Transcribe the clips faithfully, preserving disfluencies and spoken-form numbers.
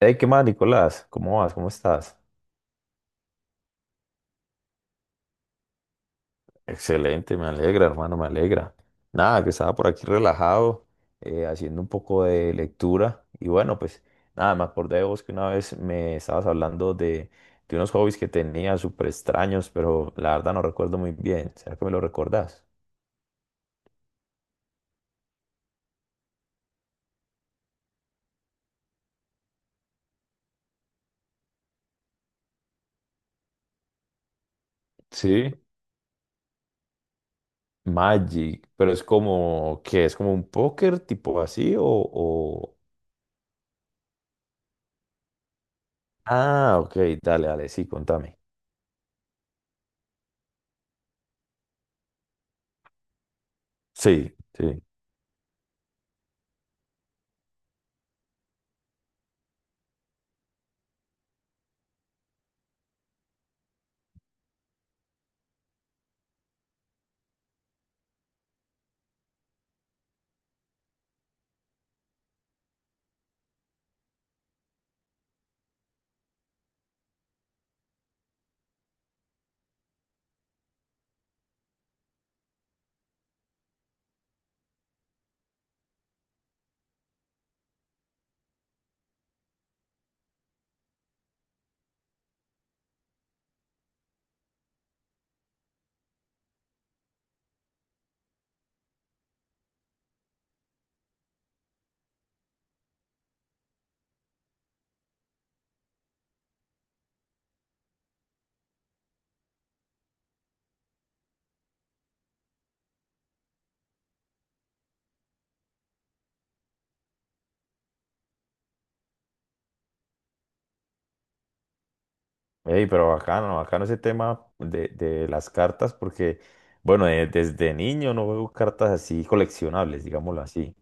Hey, ¿qué más, Nicolás? ¿Cómo vas? ¿Cómo estás? Excelente, me alegra, hermano, me alegra. Nada, que estaba por aquí relajado, eh, haciendo un poco de lectura. Y bueno, pues nada, me acordé de vos que una vez me estabas hablando de, de unos hobbies que tenía súper extraños, pero la verdad no recuerdo muy bien. ¿Será que me lo recordás? Sí, Magic, pero es como, ¿qué? ¿Es como un póker tipo así o, o... Ah, ok, dale, dale, sí, contame. Sí, sí. Ey, pero bacano, bacano ese tema de, de las cartas, porque, bueno, eh, desde niño no juego cartas así coleccionables, digámoslo así.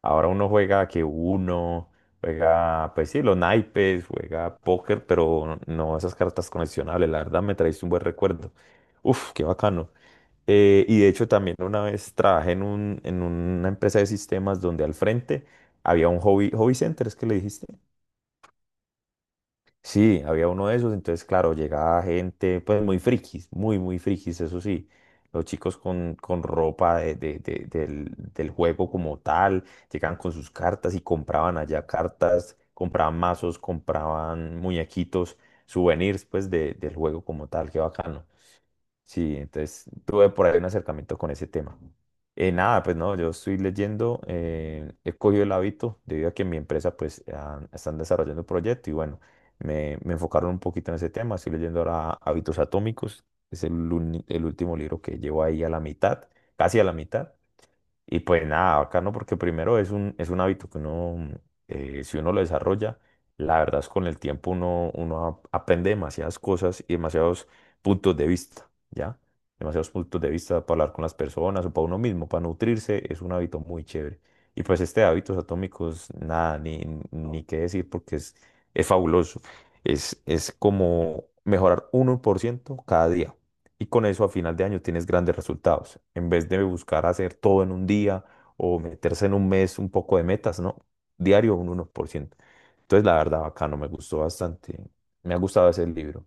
Ahora uno juega que uno, juega, pues sí, los naipes, juega póker, pero no esas cartas coleccionables. La verdad me traíste un buen recuerdo. Uf, qué bacano. Eh, y de hecho también una vez trabajé en un, en una empresa de sistemas donde al frente había un hobby, hobby center, es que le dijiste. Sí, había uno de esos, entonces claro, llegaba gente pues muy frikis, muy, muy frikis, eso sí. Los chicos con, con ropa de- de- de- del, del juego como tal, llegaban con sus cartas y compraban allá cartas, compraban mazos, compraban muñequitos, souvenirs pues de- del juego como tal, qué bacano. Sí, entonces tuve por ahí un acercamiento con ese tema. Eh, nada, pues no, yo estoy leyendo, eh, he cogido el hábito debido a que en mi empresa pues han- están desarrollando un proyecto y bueno, me, me enfocaron un poquito en ese tema. Estoy leyendo ahora Hábitos Atómicos, es el, uni- el último libro que llevo ahí a la mitad, casi a la mitad. Y pues nada, bacano, porque primero es un, es un hábito que uno, eh, si uno lo desarrolla, la verdad es con el tiempo uno, uno ap- aprende demasiadas cosas y demasiados puntos de vista, ¿ya? Demasiados puntos de vista para hablar con las personas o para uno mismo, para nutrirse, es un hábito muy chévere. Y pues este de hábitos atómicos, nada, ni, ni qué decir, porque es, es fabuloso. Es, es como mejorar uno por ciento cada día y con eso a final de año tienes grandes resultados, en vez de buscar hacer todo en un día o meterse en un mes un poco de metas, ¿no? Diario un uno por ciento. Entonces, la verdad, bacano, me gustó bastante. Me ha gustado ese libro.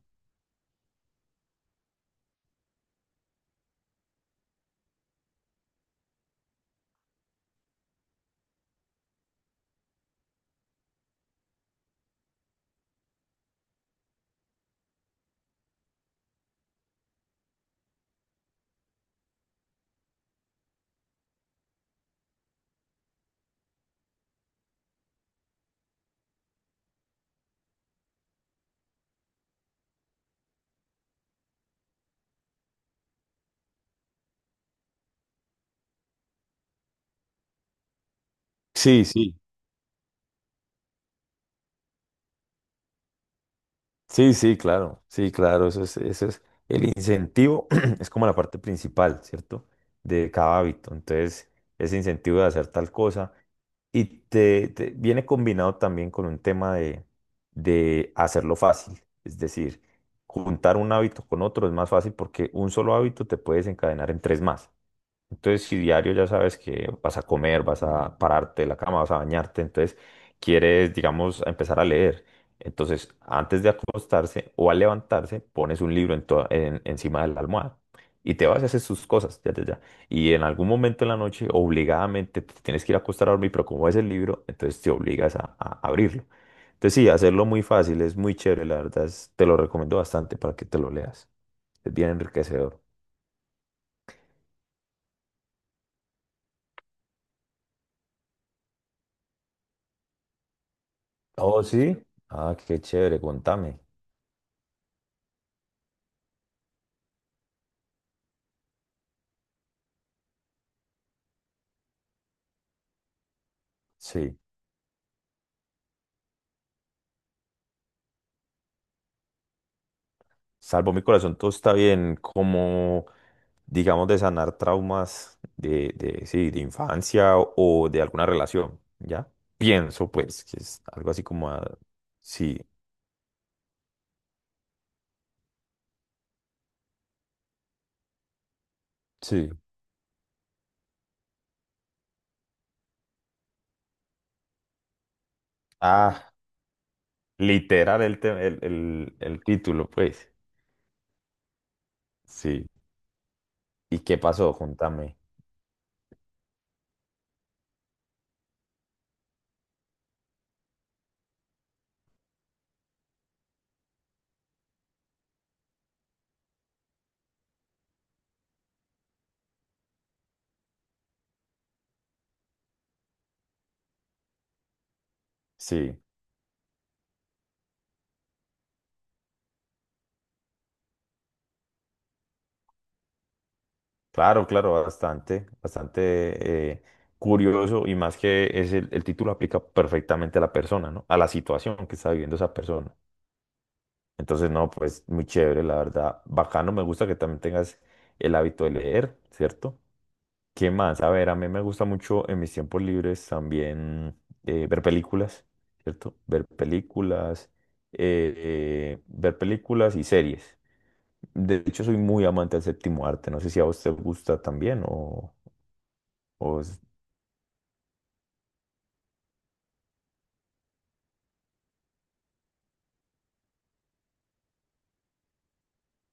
Sí, sí, sí, sí, claro, sí, claro, eso es, eso es el incentivo, es como la parte principal, ¿cierto? De cada hábito. Entonces, ese incentivo de hacer tal cosa. Y te, te- viene combinado también con un tema de, de hacerlo fácil. Es decir, juntar un hábito con otro es más fácil porque un solo hábito te puede desencadenar en tres más. Entonces, si diario ya sabes que vas a comer, vas a pararte de la cama, vas a bañarte, entonces quieres, digamos, empezar a leer. Entonces, antes de acostarse o al levantarse, pones un libro en toda- en- encima de la almohada y te vas a hacer sus cosas, ya, ya, ya. Y en algún momento en la noche, obligadamente, te tienes que ir a acostar a dormir, pero como ves el libro, entonces te obligas a, a abrirlo. Entonces, sí, hacerlo muy fácil, es muy chévere, la verdad, es- te lo recomiendo bastante para que te lo leas. Es bien enriquecedor. Oh, sí. Ah, qué chévere, contame. Sí, salvo mi corazón, todo está bien, como digamos de sanar traumas de, de, sí, de infancia o, o de alguna relación, ¿ya? Pienso pues que es algo así como, ah, sí. Sí. Ah, literal el, te- el, el, el título, pues, sí. ¿Y qué pasó? Contame. Sí, claro, claro, bastante, bastante eh, curioso y más que es el, el título aplica perfectamente a la persona, ¿no? A la situación que está viviendo esa persona. Entonces, no, pues muy chévere, la verdad. Bacano, me gusta que también tengas el hábito de leer, ¿cierto? ¿Qué más? A ver, a mí me gusta mucho en mis tiempos libres también eh, ver películas, ¿cierto? Ver películas, eh, eh, ver películas y series. De hecho, soy muy amante del séptimo arte. No sé si a vos te gusta también o... o es-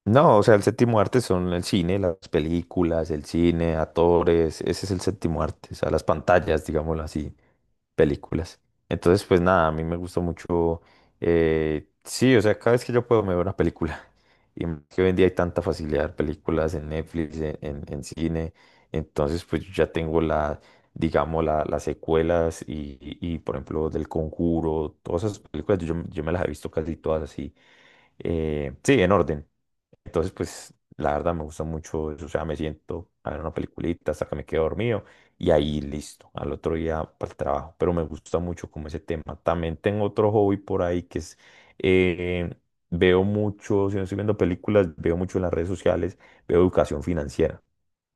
No, o sea, el séptimo arte son el cine, las películas, el cine, actores. Ese es el séptimo arte, o sea, las pantallas, digámoslo así. Películas. Entonces, pues nada, a mí me gusta mucho, eh, sí, o sea, cada vez que yo puedo me veo una película. Y más que hoy en día hay tanta facilidad de ver películas en Netflix, en, en- en cine, entonces pues yo ya tengo la, digamos, la- las secuelas y, y, por ejemplo, del Conjuro, todas esas películas, yo, yo me las he visto casi todas así, eh, sí, en orden. Entonces, pues, la verdad me gusta mucho eso. O sea, me siento a ver una peliculita hasta que me quedo dormido y ahí listo, al otro día para el trabajo. Pero me gusta mucho como ese tema. También tengo otro hobby por ahí que es, eh, veo mucho, si no estoy viendo películas, veo mucho en las redes sociales, veo educación financiera.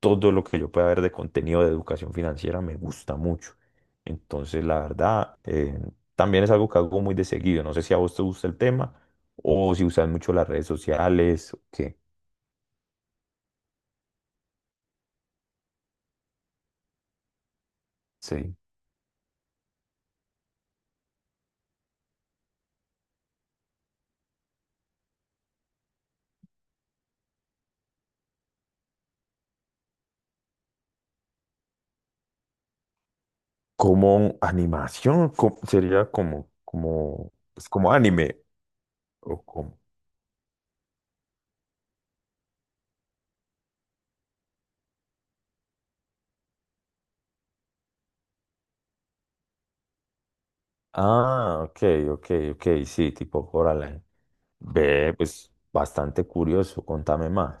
Todo lo que yo pueda ver de contenido de educación financiera me gusta mucho. Entonces, la verdad, eh, también es algo que hago muy de seguido. No sé si a vos te gusta el tema o si usas mucho las redes sociales o qué. Sí. Como animación, co- sería como, como, es como anime. O como. Ah, ok, ok, ok, sí, tipo Coraline. Ve, pues bastante curioso, contame más.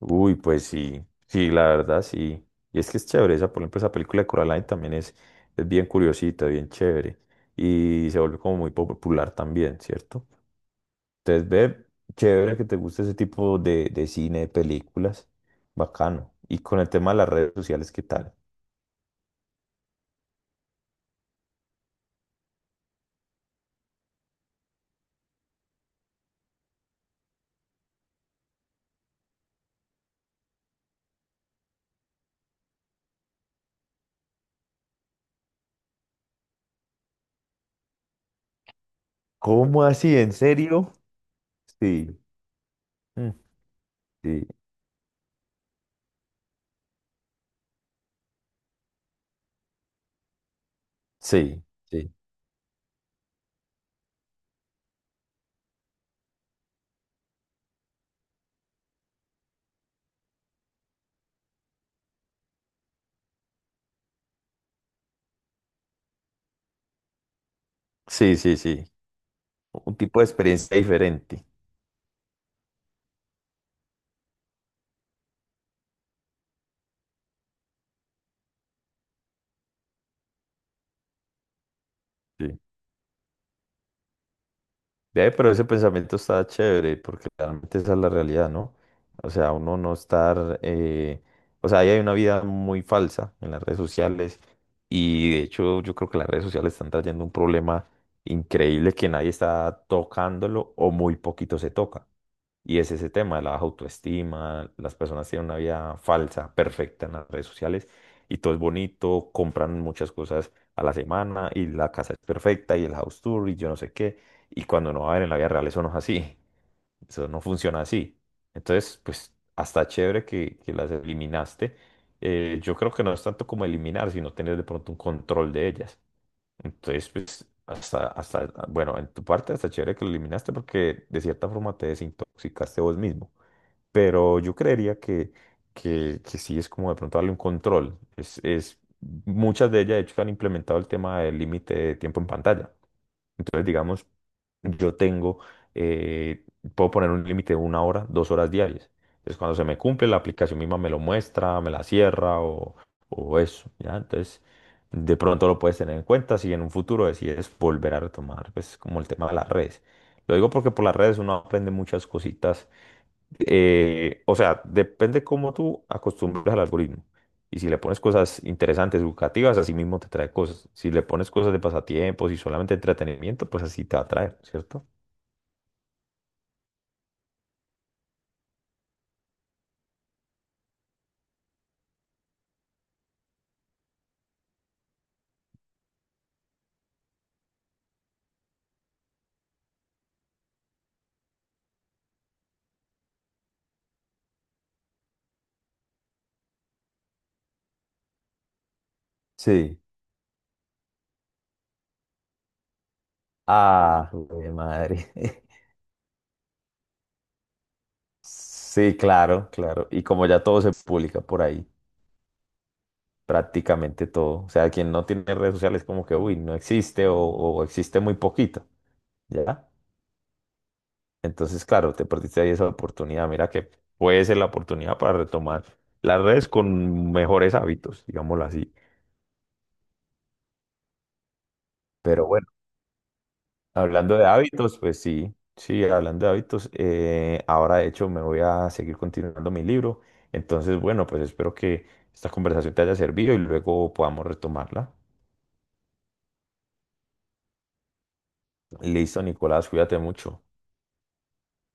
Uy, pues sí, sí, la verdad, sí. Y es que es chévere, esa, por ejemplo, esa película de Coraline también es, es bien curiosita, bien chévere. Y se volvió como muy popular también, ¿cierto? Entonces, ve, chévere que te guste ese tipo de, de cine, de películas. Bacano. Y con el tema de las redes sociales, ¿qué tal? ¿Cómo así? ¿En serio? Sí. Mm, sí. Sí. Sí. Sí, sí, sí. Un tipo de experiencia diferente. Sí. Ve, pero ese pensamiento está chévere, porque realmente esa es la realidad, ¿no? O sea, uno no estar, eh, o sea, ahí hay una vida muy falsa en las redes sociales y de hecho yo creo que las redes sociales están trayendo un problema increíble que nadie está tocándolo o muy poquito se toca. Y es ese tema, de la baja autoestima, las personas tienen una vida falsa, perfecta en las redes sociales y todo es bonito, compran muchas cosas a la semana y la casa es perfecta y el house tour y yo no sé qué. Y cuando uno va a ver en la vida real, eso no es así, eso no funciona así. Entonces, pues hasta chévere que, que las eliminaste. Eh, yo creo que no es tanto como eliminar, sino tener de pronto un control de ellas. Entonces, pues, hasta, hasta, bueno, en tu parte hasta chévere que lo eliminaste porque de cierta forma te desintoxicaste vos mismo. Pero yo creería que, que, que sí es como de pronto darle un control. Es, es, muchas de ellas, de hecho, han implementado el tema del límite de tiempo en pantalla. Entonces, digamos, yo tengo, eh, puedo poner un límite de una hora, dos horas diarias. Entonces, cuando se me cumple, la aplicación misma me lo muestra, me la cierra o, o eso, ¿ya? Entonces, de pronto lo puedes tener en cuenta si en un futuro decides volver a retomar, pues, como el tema de las redes. Lo digo porque por las redes uno aprende muchas cositas, eh, o sea, depende cómo tú acostumbras al algoritmo. Y si le pones cosas interesantes, educativas, así mismo te trae cosas. Si le pones cosas de pasatiempos y solamente entretenimiento, pues así te va a traer, ¿cierto? Sí. Ah, de madre. Sí, claro, claro. Y como ya todo se publica por ahí, prácticamente todo. O sea, quien no tiene redes sociales como que, uy, no existe o, o existe muy poquito, ¿ya? Entonces, claro, te perdiste ahí esa oportunidad. Mira que puede ser la oportunidad para retomar las redes con mejores hábitos, digámoslo así. Pero bueno, hablando de hábitos, pues sí, sí, hablando de hábitos, eh, ahora de hecho me voy a seguir continuando mi libro. Entonces, bueno, pues espero que esta conversación te haya servido y luego podamos retomarla. Listo, Nicolás, cuídate mucho.